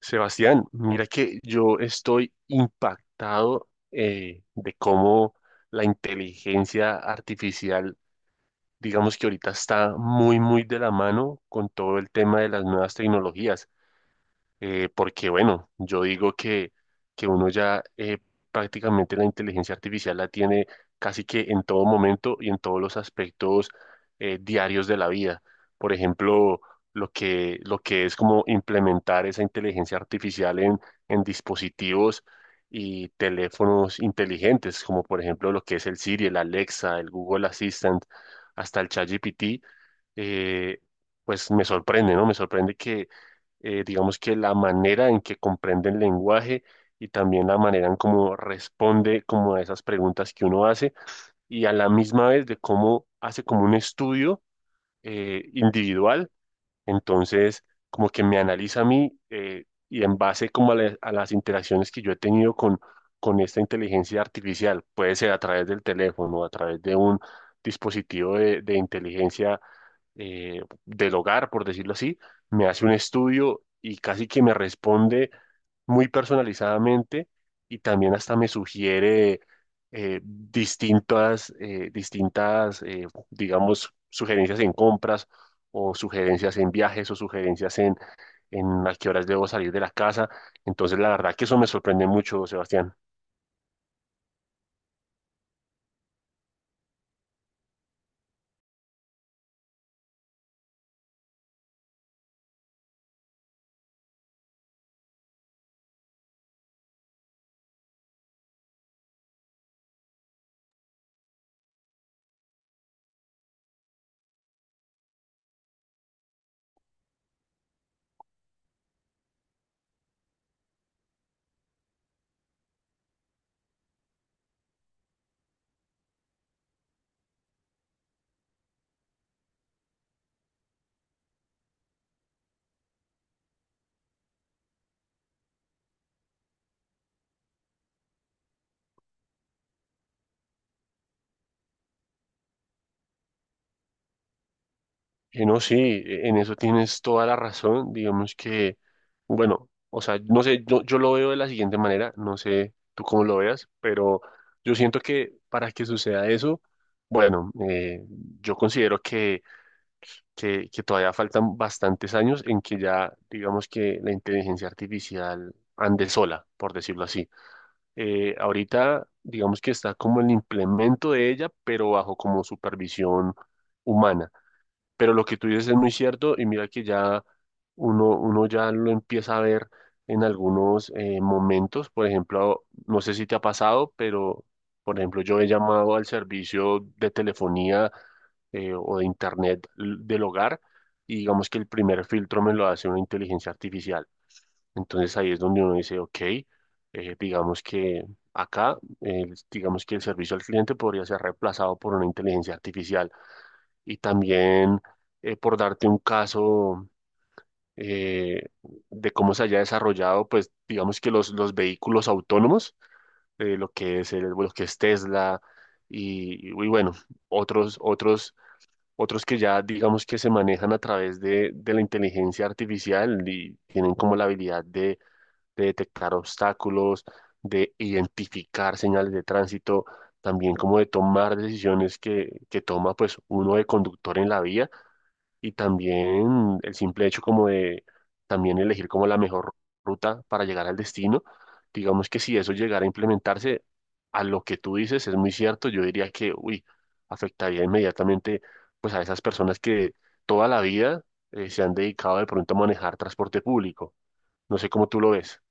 Sebastián, mira que yo estoy impactado de cómo la inteligencia artificial, digamos que ahorita está muy de la mano con todo el tema de las nuevas tecnologías porque bueno, yo digo que uno ya prácticamente la inteligencia artificial la tiene casi que en todo momento y en todos los aspectos diarios de la vida. Por ejemplo, lo que es como implementar esa inteligencia artificial en dispositivos y teléfonos inteligentes, como por ejemplo lo que es el Siri, el Alexa, el Google Assistant, hasta el ChatGPT, eh, pues me sorprende, ¿no? Me sorprende digamos que la manera en que comprende el lenguaje y también la manera en cómo responde como a esas preguntas que uno hace y a la misma vez de cómo hace como un estudio individual. Entonces, como que me analiza a mí y en base como a las interacciones que yo he tenido con esta inteligencia artificial, puede ser a través del teléfono, a través de un dispositivo de inteligencia del hogar, por decirlo así, me hace un estudio y casi que me responde muy personalizadamente, y también hasta me sugiere distintas digamos, sugerencias en compras o sugerencias en viajes o sugerencias en a qué horas debo salir de la casa. Entonces, la verdad que eso me sorprende mucho, Sebastián. No, sí, en eso tienes toda la razón. Digamos que, bueno, o sea, no sé, yo lo veo de la siguiente manera, no sé tú cómo lo veas, pero yo siento que para que suceda eso, bueno, yo considero que todavía faltan bastantes años en que ya, digamos que la inteligencia artificial ande sola, por decirlo así. Ahorita, digamos que está como el implemento de ella, pero bajo como supervisión humana. Pero lo que tú dices es muy cierto y mira que ya uno ya lo empieza a ver en algunos momentos. Por ejemplo, no sé si te ha pasado, pero por ejemplo, yo he llamado al servicio de telefonía o de internet del hogar, y digamos que el primer filtro me lo hace una inteligencia artificial. Entonces ahí es donde uno dice, ok, digamos que acá, digamos que el servicio al cliente podría ser reemplazado por una inteligencia artificial. Y también, por darte un caso eh, de cómo se haya desarrollado, pues digamos que los vehículos autónomos, lo que es Tesla y bueno, otros, otros, otros que ya digamos que se manejan a través de la inteligencia artificial y tienen como la habilidad de detectar obstáculos, de identificar señales de tránsito, también como de tomar decisiones que toma pues uno de conductor en la vía, y también el simple hecho como de también elegir como la mejor ruta para llegar al destino. Digamos que si eso llegara a implementarse, a lo que tú dices es muy cierto, yo diría que, uy, afectaría inmediatamente pues a esas personas que toda la vida se han dedicado de pronto a manejar transporte público. No sé cómo tú lo ves.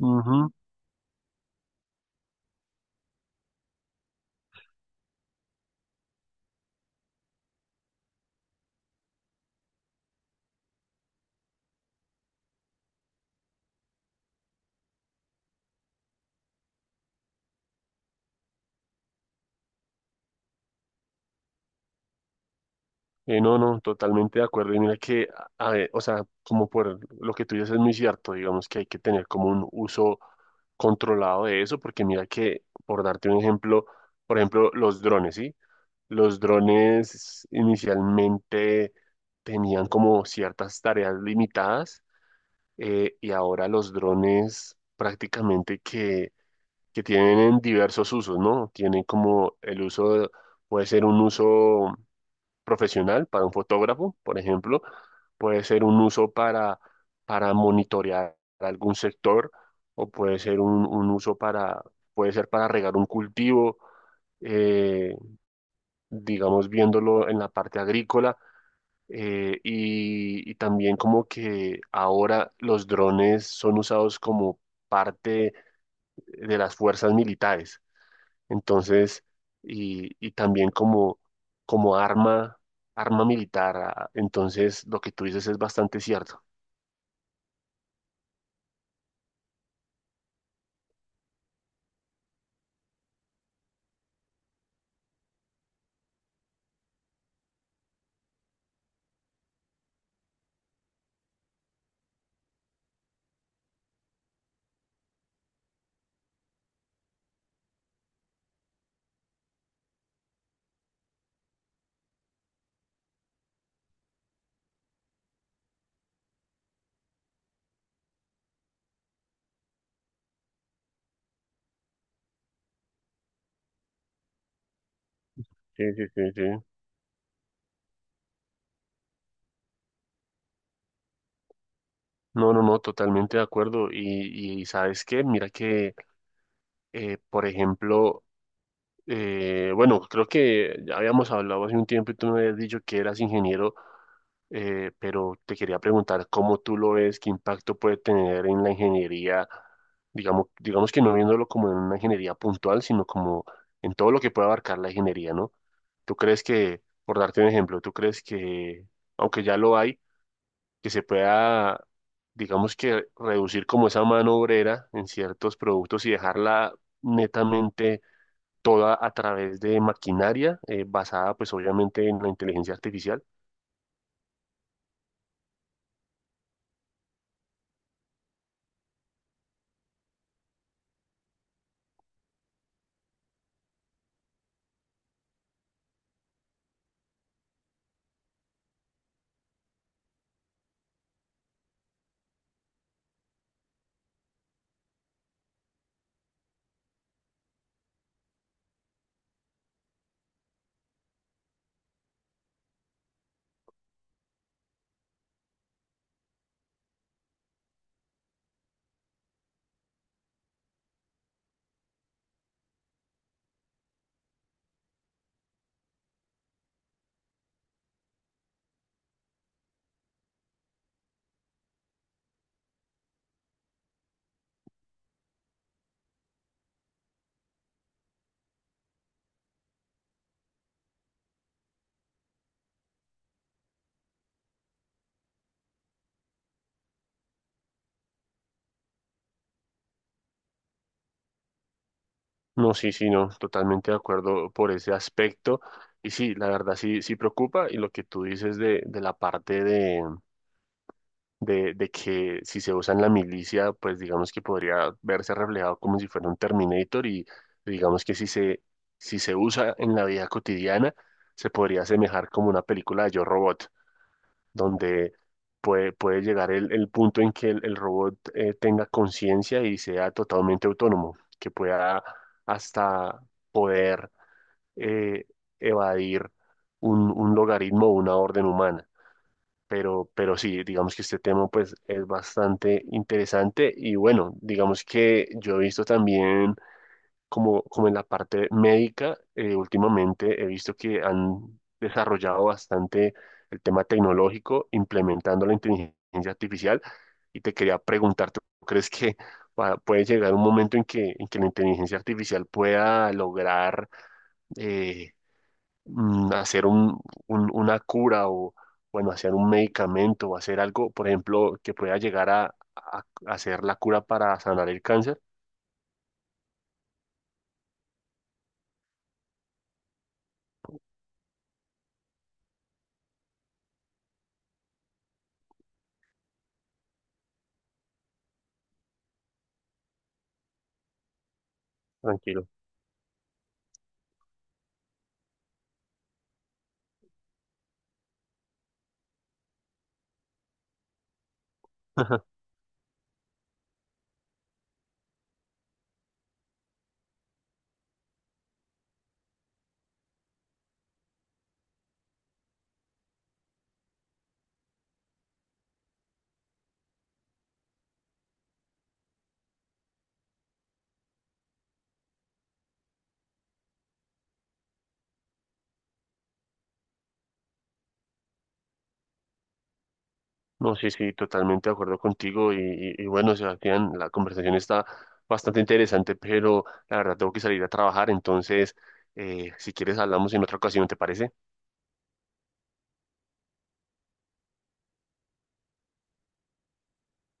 Ujú. No, no, totalmente de acuerdo. Y mira que, a ver, o sea, como por lo que tú dices es muy cierto, digamos que hay que tener como un uso controlado de eso, porque mira que, por darte un ejemplo, por ejemplo, los drones, ¿sí? Los drones inicialmente tenían como ciertas tareas limitadas, y ahora los drones prácticamente que tienen diversos usos, ¿no? Tienen como el uso, puede ser un uso profesional para un fotógrafo, por ejemplo, puede ser un uso para monitorear algún sector, o puede ser un uso para, puede ser para regar un cultivo, eh, digamos, viéndolo en la parte agrícola. Y y también como que ahora los drones son usados como parte de las fuerzas militares. Entonces, y también como, como arma, arma militar. Entonces, lo que tú dices es bastante cierto. Sí, sí, sí, sí. No, no, no, totalmente de acuerdo. Y, ¿sabes qué? Mira que, por ejemplo, bueno, creo que ya habíamos hablado hace un tiempo y tú me habías dicho que eras ingeniero, pero te quería preguntar cómo tú lo ves, qué impacto puede tener en la ingeniería, digamos que no viéndolo como en una ingeniería puntual, sino como en todo lo que puede abarcar la ingeniería, ¿no? ¿Tú crees que, por darte un ejemplo, tú crees que, aunque ya lo hay, que se pueda, digamos que reducir como esa mano obrera en ciertos productos y dejarla netamente toda a través de maquinaria basada pues obviamente en la inteligencia artificial? No, sí, sí, no, totalmente de acuerdo por ese aspecto. Y sí, la verdad sí, sí preocupa, y lo que tú dices de la parte de que si se usa en la milicia, pues digamos que podría verse reflejado como si fuera un Terminator, y digamos que si se usa en la vida cotidiana, se podría asemejar como una película de Yo Robot, donde puede llegar el punto en que el robot tenga conciencia y sea totalmente autónomo, que pueda hasta poder eh, evadir un logaritmo o una orden humana. Pero sí, digamos que este tema pues es bastante interesante, y bueno, digamos que yo he visto también como, como en la parte médica, últimamente he visto que han desarrollado bastante el tema tecnológico implementando la inteligencia artificial, y te quería preguntar, ¿tú crees que puede llegar un momento en en que la inteligencia artificial pueda lograr eh, hacer una cura o, bueno, hacer un medicamento o hacer algo, por ejemplo, que pueda llegar a a hacer la cura para sanar el cáncer? Tranquilo. No, sí, sí, totalmente de acuerdo contigo. Y bueno, Sebastián, la conversación está bastante interesante, pero la verdad tengo que salir a trabajar. Entonces, si quieres, hablamos en otra ocasión, ¿te parece?